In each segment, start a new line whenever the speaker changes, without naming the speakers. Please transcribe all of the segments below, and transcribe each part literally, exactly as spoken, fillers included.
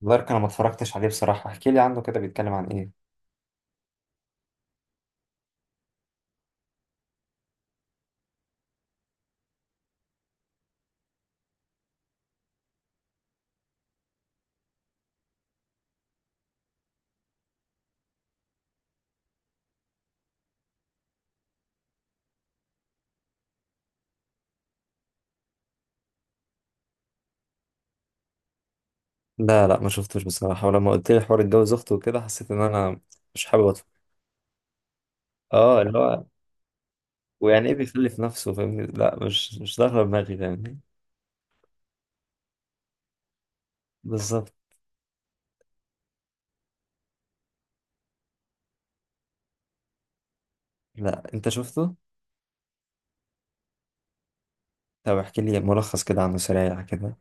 دارك، انا ما اتفرجتش عليه بصراحة. احكي لي عنه كده، بيتكلم عن ايه؟ لا لا، ما شفتوش بصراحة. ولما قلت لي حوار اتجوز اخته وكده، حسيت ان انا مش حابب ادخل. اه، اللي هو ويعني ايه بيخلف نفسه؟ فاهمني؟ لا، مش مش داخله دماغي، فاهمني. بالظبط. لا، انت شفته؟ طب احكي لي ملخص كده عنه سريع كده.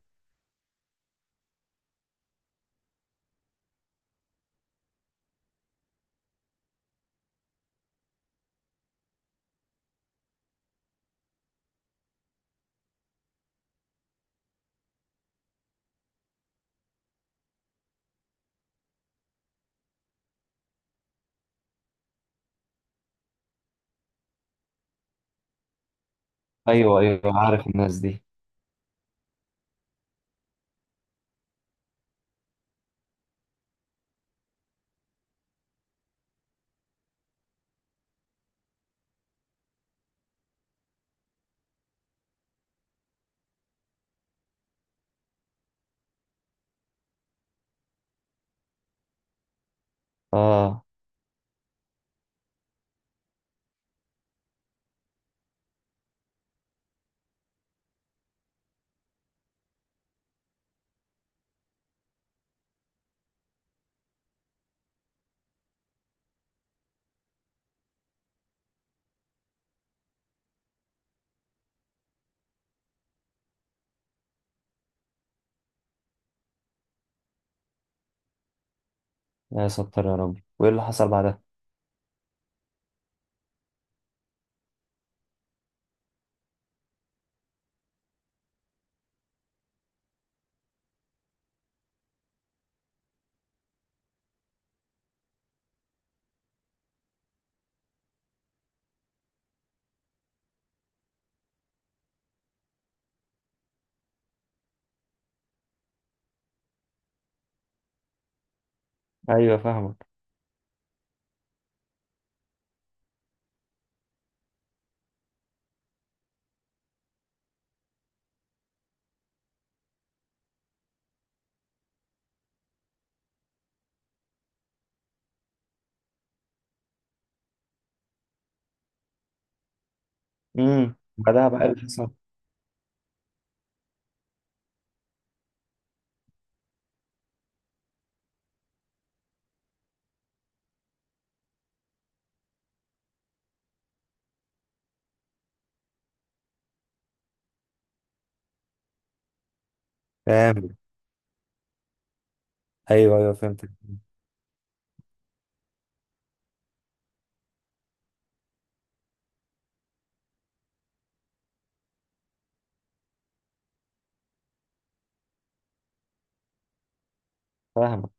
ايوه، ايوه، عارف الناس دي. اه. يا ستر يا رب، وايه اللي حصل بعدها؟ ايوه، فاهمك. امم بعدها بقى إيه اللي حصل؟ فاهم. ايوه، ايوه، فهمت. فاهمك.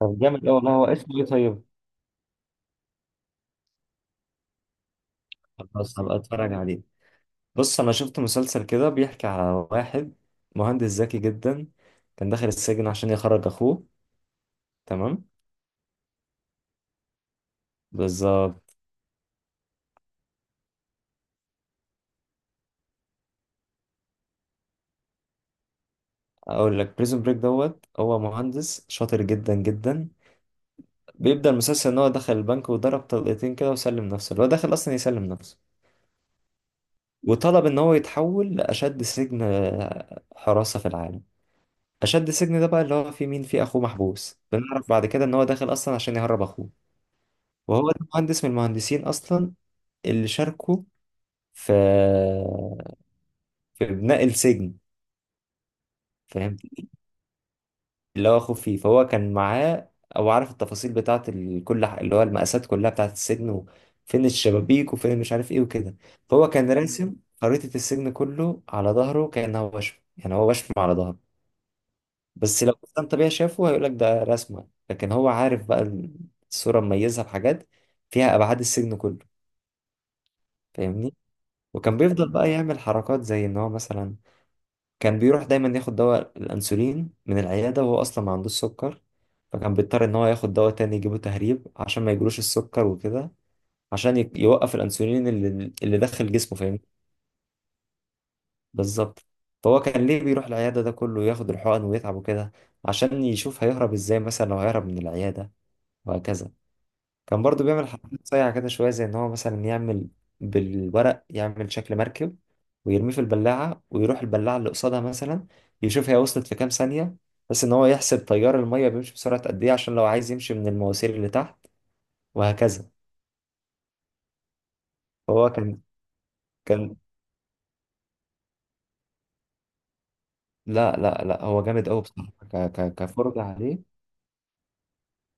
طب جامد أوي والله. هو اسمه ايه طيب؟ خلاص، هبقى اتفرج عليه. بص، انا شفت مسلسل كده بيحكي على واحد مهندس ذكي جدا، كان داخل السجن عشان يخرج اخوه. تمام. بالظبط. اقول لك، بريزون بريك دوت هو مهندس شاطر جدا جدا. بيبدأ المسلسل ان هو دخل البنك وضرب طلقتين كده وسلم نفسه، اللي هو داخل اصلا يسلم نفسه. وطلب ان هو يتحول لاشد سجن آه، حراسة في العالم. اشد السجن ده بقى اللي هو فيه مين؟ فيه اخوه محبوس. بنعرف بعد كده ان هو داخل اصلا عشان يهرب اخوه. وهو ده مهندس من المهندسين اصلا اللي شاركوا في في بناء السجن. فاهم. اللي هو اخوه فيه، فهو كان معاه او عارف التفاصيل بتاعه، ال- كل ح- اللي هو المقاسات كلها بتاعه السجن وفين الشبابيك وفين مش عارف ايه وكده. فهو كان راسم خريطة السجن كله على ظهره، كأنه هو وشم، يعني هو وشم على ظهره. بس لو كان طبيعي شافه هيقولك ده رسمة، لكن هو عارف بقى ال- الصورة مميزها بحاجات فيها أبعاد السجن كله. فاهمني. وكان بيفضل بقى يعمل حركات زي إن هو مثلا كان بيروح دايما ياخد دواء الأنسولين من العيادة، وهو أصلا ما عندوش سكر. فكان بيضطر إن هو ياخد دواء تاني يجيبه تهريب، عشان ما يجيلوش السكر وكده، عشان ي- يوقف الأنسولين اللي, اللي داخل جسمه، فاهم. بالظبط. فهو كان ليه بيروح العيادة ده كله، ياخد الحقن ويتعب وكده؟ عشان يشوف هيهرب إزاي مثلا لو هيهرب من العيادة، وهكذا. كان برضو بيعمل حركات صايعة كده شوية، زي إن هو مثلا يعمل بالورق يعمل شكل مركب، ويرميه في البلاعة ويروح البلاعة اللي قصادها مثلا يشوف هي وصلت في كام ثانية، بس إن هو يحسب تيار المية بيمشي بسرعة قد إيه عشان لو عايز يمشي من المواسير اللي تحت، وهكذا. هو كان كان لا لا لا، هو جامد أوي بصراحة ك... ك... كفرجة عليه.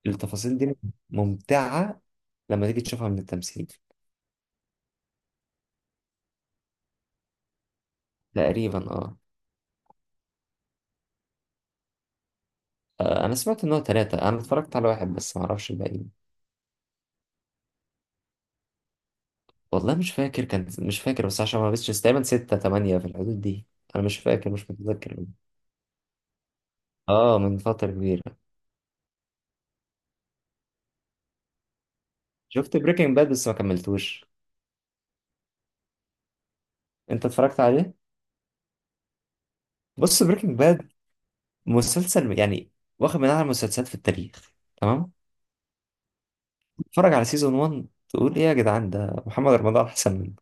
التفاصيل دي ممتعة لما تيجي تشوفها من التمثيل. تقريبا، اه. آه، أنا سمعت إن هو تلاتة. أنا اتفرجت على واحد بس، معرفش الباقيين. والله مش فاكر، كان مش فاكر بس عشان ما بس تقريبا ستة تمانية في الحدود دي. أنا مش فاكر، مش متذكر. اه، من فترة كبيرة. شفت بريكنج باد بس ما كملتوش. أنت اتفرجت عليه؟ بص، بريكنج باد مسلسل يعني واخد من أعلى المسلسلات في التاريخ، تمام؟ اتفرج على سيزون وان، تقول إيه يا جدعان، ده محمد رمضان أحسن منه.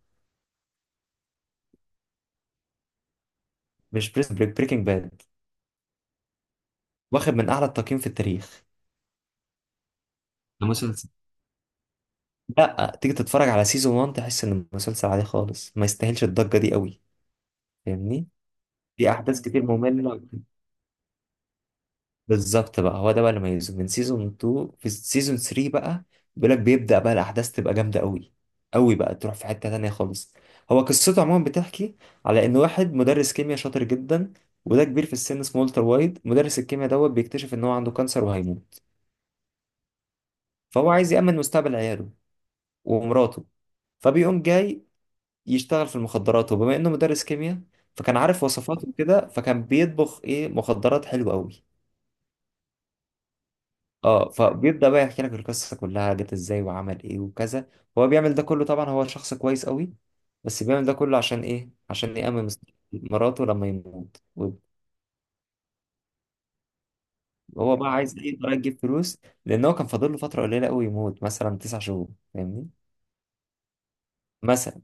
مش بريكنج باد واخد من أعلى التقييم في التاريخ؟ ده مسلسل. لا، تيجي تتفرج على سيزون وان تحس إن المسلسل عادي خالص، ما يستاهلش الضجة دي قوي، فاهمني؟ في أحداث كتير مملة. بالظبط، بقى هو ده بقى اللي ميزه. من سيزون تو في سيزون ثري بقى بيقول لك بيبدأ بقى الأحداث تبقى جامدة قوي، قوي بقى، تروح في حتة تانية خالص. هو قصته عموما بتحكي على إن واحد مدرس كيمياء شاطر جدا، وده كبير في السن، اسمه والتر وايت، مدرس الكيمياء دوت. بيكتشف إن هو عنده كانسر وهيموت، فهو عايز يأمن مستقبل عياله ومراته، فبيقوم جاي يشتغل في المخدرات. وبما إنه مدرس كيمياء، فكان عارف وصفاته كده، فكان بيطبخ إيه، مخدرات حلوة قوي. اه، فبيبدأ بقى يحكي لك القصة كلها جت ازاي وعمل ايه وكذا. هو بيعمل ده كله طبعا، هو شخص كويس قوي، بس بيعمل ده كله عشان ايه؟ عشان يأمن مستقبل مراته لما يموت. وهو بقى عايز ايه؟ يقدر يجيب فلوس، لان هو كان فاضل له فترة قليلة قوي يموت، مثلا تسع شهور، فاهمني. مثلا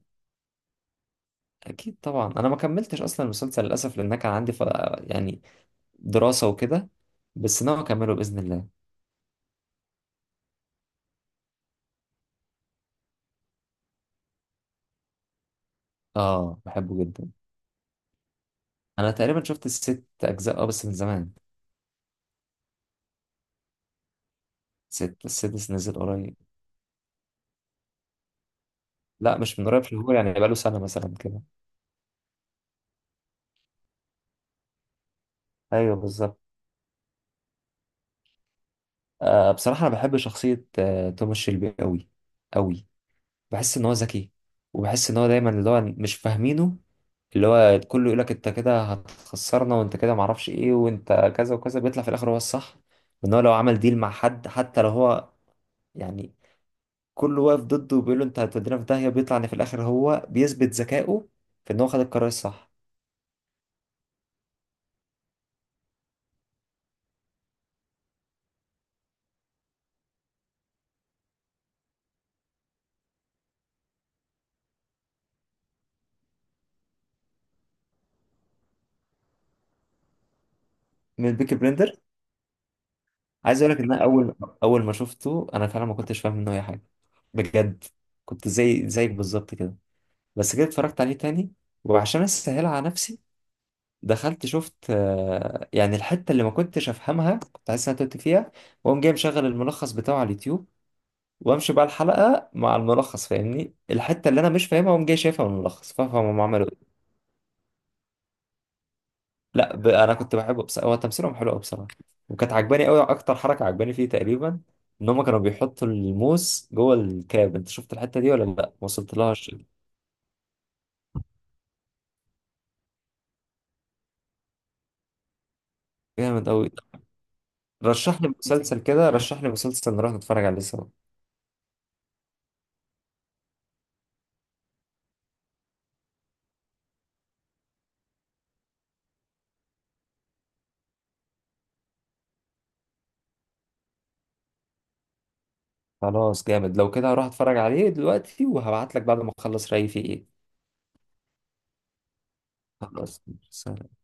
اكيد طبعا، انا ما كملتش اصلا المسلسل للاسف، لان أنا كان عندي ف... يعني دراسة وكده، بس ناوي اكمله باذن الله. اه، بحبه جدا. انا تقريبا شفت الست اجزاء، اه، بس من زمان. ست السادس نزل قريب. لا، مش من قريب، شهور يعني، بقاله سنة مثلا كده. ايوه بالظبط. آه بصراحة انا بحب شخصية آه توماس شيلبي قوي قوي. بحس ان هو ذكي، وبحس ان هو دايما اللي هو مش فاهمينه. اللي هو كله يقولك انت كده هتخسرنا، وانت كده معرفش ايه، وانت كذا وكذا، بيطلع في الاخر هو الصح. وان هو لو عمل ديل مع حد، حتى لو هو يعني كله واقف ضده، وبيقول له انت هتودينا في داهية، بيطلع ان في الاخر هو بيثبت ذكائه في ان هو خد القرار الصح. من بيكي بلندر. عايز اقول لك ان انا اول اول ما شفته انا فعلا ما كنتش فاهم منه اي حاجه، بجد. كنت زي زيك بالظبط كده. بس كده اتفرجت عليه تاني، وعشان اسهلها على نفسي، دخلت شفت آه، يعني الحته اللي ما كنتش افهمها، كنت عايز انا توت فيها، واقوم جاي مشغل الملخص بتاعه على اليوتيوب، وامشي بقى الحلقه مع الملخص، فاهمني؟ الحته اللي انا مش فاهمها واقوم جاي شايفها من الملخص، فاهم هم عملوا. لا ب... انا كنت بحبه بس هو تمثيلهم حلو قوي بصراحه. وكانت عجباني قوي اكتر حركه عجباني فيه تقريبا، ان هم كانوا بيحطوا الموس جوه الكاب. انت شفت الحته دي ولا لا، ما وصلت لهاش؟ جامد قوي. رشح لي مسلسل كده، رشح لي مسلسل نروح نتفرج عليه سوا. خلاص، جامد، لو كده هروح اتفرج عليه دلوقتي، وهبعت لك بعد ما اخلص رايي فيه ايه. خلاص، سلام.